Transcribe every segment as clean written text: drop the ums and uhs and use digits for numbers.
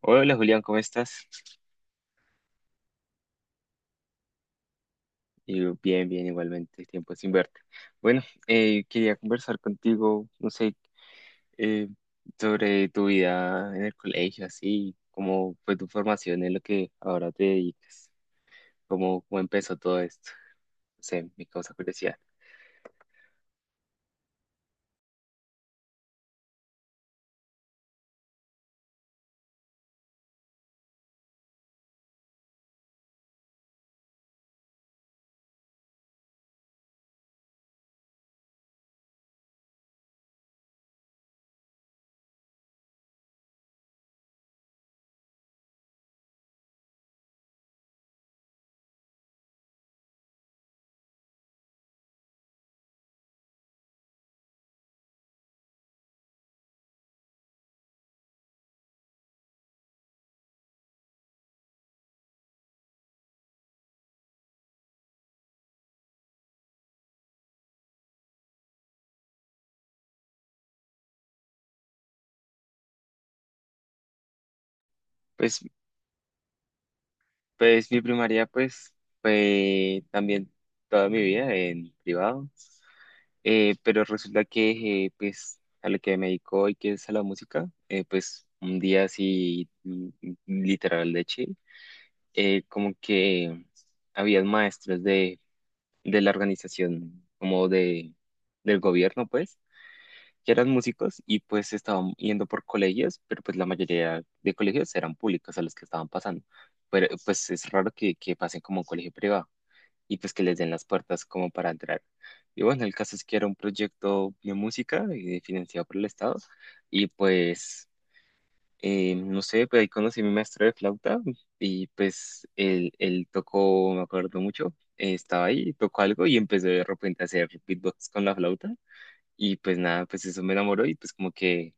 Hola Julián, ¿cómo estás? Y yo, bien, bien, igualmente, tiempo sin verte. Bueno, quería conversar contigo, no sé, eh, sobre tu vida en el colegio, así, cómo fue tu formación en lo que ahora te dedicas, cómo empezó todo esto, no sé, me causa curiosidad. Pues Pues mi primaria pues fue también toda mi vida en privado. Pero resulta que pues a lo que me dedico hoy que es a la música, pues un día así literal de chill, como que habían maestros de la organización como de, del gobierno, pues ya eran músicos y pues estaban yendo por colegios, pero pues la mayoría de colegios eran públicos a los que estaban pasando. Pero pues es raro que pasen como un colegio privado y pues que les den las puertas como para entrar. Y bueno, el caso es que era un proyecto de música, financiado por el Estado, y pues no sé, pues ahí conocí a mi maestro de flauta y pues él tocó, me acuerdo mucho, estaba ahí, tocó algo y empezó de repente a hacer beatbox con la flauta, y pues nada, pues eso me enamoró y pues como que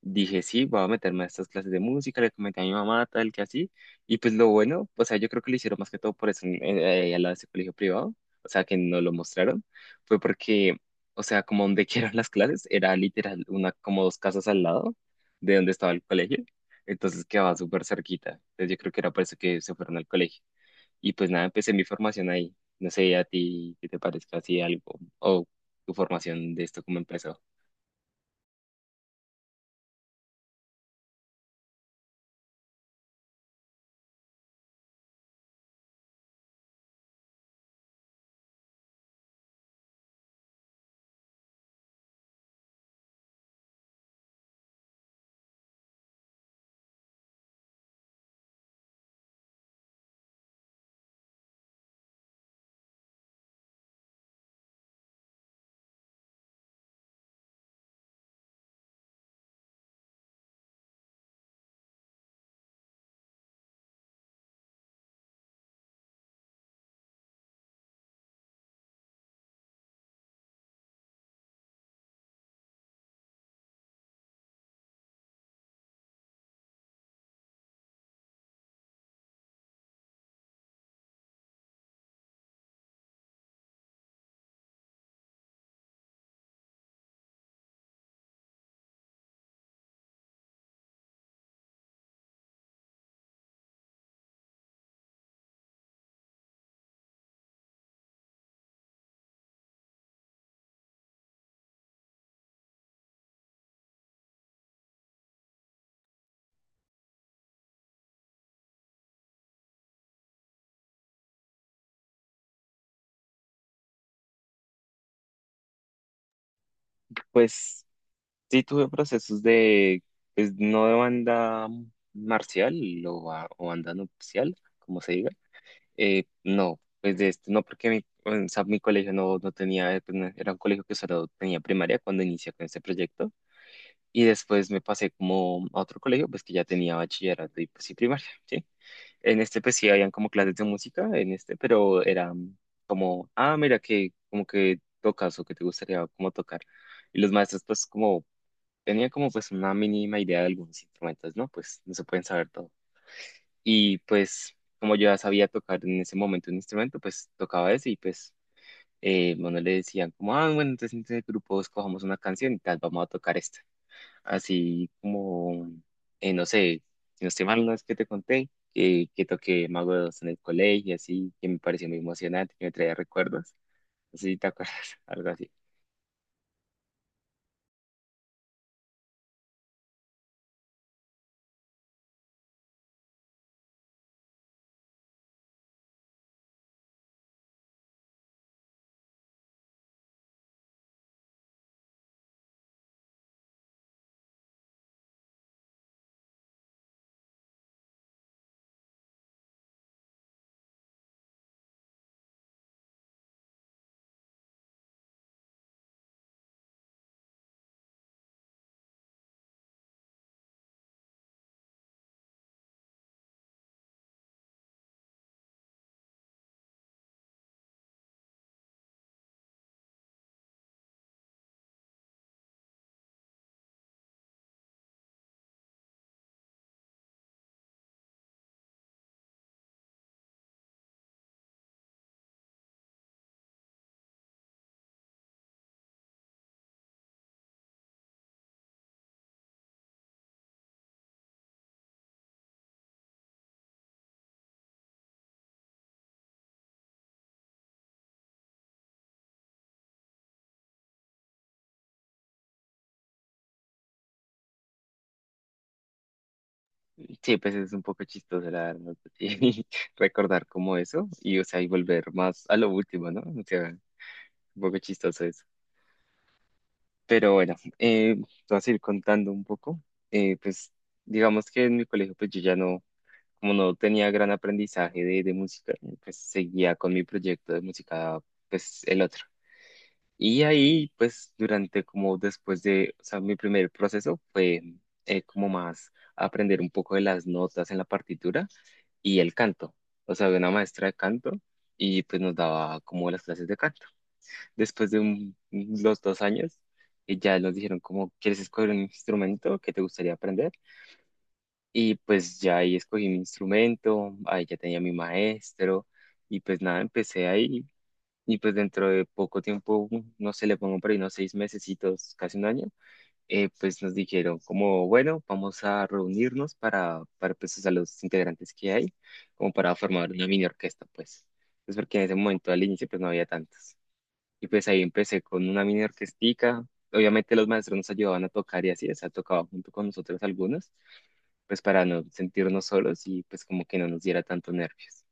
dije, sí, voy a meterme a estas clases de música, le comenté a mi mamá, tal que así. Y pues lo bueno, o sea, yo creo que lo hicieron más que todo por eso al lado de ese colegio privado, o sea, que no lo mostraron, fue porque, o sea, como donde que eran las clases, era literal una, como dos casas al lado de donde estaba el colegio. Entonces quedaba súper cerquita. Entonces yo creo que era por eso que se fueron al colegio. Y pues nada, empecé mi formación ahí. No sé a ti qué te parezca así algo o tu formación de esto, cómo empezó. Pues sí tuve procesos de, pues no de banda marcial o, o banda nupcial, como se diga. No, pues de este no porque mi, o sea, mi colegio no, no tenía, pues, era un colegio que solo tenía primaria cuando inicié con este proyecto. Y después me pasé como a otro colegio, pues que ya tenía bachillerato y pues sí primaria, ¿sí? En este pues sí habían como clases de música, en este, pero era como, ah, mira que como que tocas o que te gustaría como tocar. Y los maestros, pues, como tenía como pues una mínima idea de algunos instrumentos, ¿no? Pues no se pueden saber todo. Y pues como yo ya sabía tocar en ese momento un instrumento, pues tocaba ese, y pues bueno, le decían como, ah, bueno, entonces entre el grupo escojamos una canción y tal, vamos a tocar esta. Así como, no sé, si no estoy mal, una vez que te conté que toqué Mago de Oz en el colegio, así, que me pareció muy emocionante, que me traía recuerdos. No sé si te acuerdas, algo así. Sí, pues es un poco chistoso, la verdad, sí, recordar como eso y, o sea, y volver más a lo último, ¿no? O sea, un poco chistoso eso. Pero bueno, te vas a ir contando un poco. Pues, digamos que en mi colegio, pues yo ya no, como no tenía gran aprendizaje de música, pues seguía con mi proyecto de música, pues el otro. Y ahí, pues, durante como después de, o sea, mi primer proceso fue como más aprender un poco de las notas en la partitura y el canto. O sea, había una maestra de canto y pues nos daba como las clases de canto. Después de los 2 años, ya nos dijeron como, ¿quieres escoger un instrumento que te gustaría aprender? Y pues ya ahí escogí mi instrumento, ahí ya tenía mi maestro, y pues nada, empecé ahí. Y pues dentro de poco tiempo, no sé, le pongo por ahí unos 6 mesecitos, casi un año, pues nos dijeron como, bueno, vamos a reunirnos para, pues, a los integrantes que hay, como para formar una mini orquesta, pues. Pues porque en ese momento al inicio pues no había tantas. Y pues ahí empecé con una mini orquestica. Obviamente los maestros nos ayudaban a tocar y así, o sea, tocaban junto con nosotros algunos, pues para no sentirnos solos y pues como que no nos diera tanto nervios.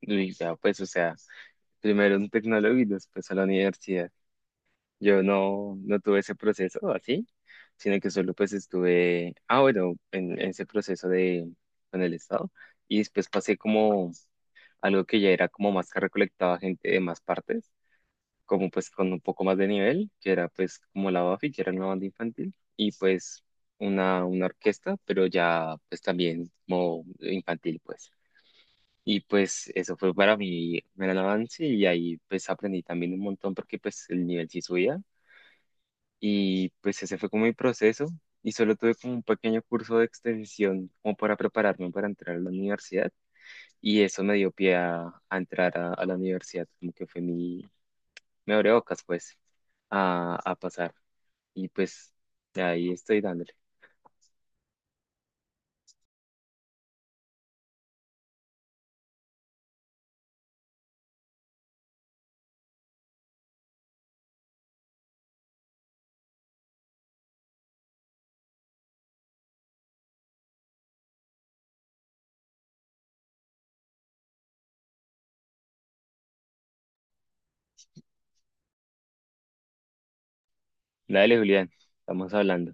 Y ya pues, o sea, primero un tecnólogo y después a la universidad. Yo no, no tuve ese proceso así, sino que solo pues estuve, ah, bueno, en ese proceso de, con el Estado, y después pasé como algo que ya era como más que recolectaba gente de más partes, como pues con un poco más de nivel, que era pues como la Bafi, que era una banda infantil, y pues una orquesta, pero ya pues también como infantil pues. Y pues eso fue para mí un gran avance y ahí pues aprendí también un montón porque pues el nivel sí subía y pues ese fue como mi proceso, y solo tuve como un pequeño curso de extensión como para prepararme para entrar a la universidad, y eso me dio pie a, entrar a la universidad, como que fue mi, me abrió bocas pues a, pasar, y pues de ahí estoy dándole. Dale, Julián, estamos hablando.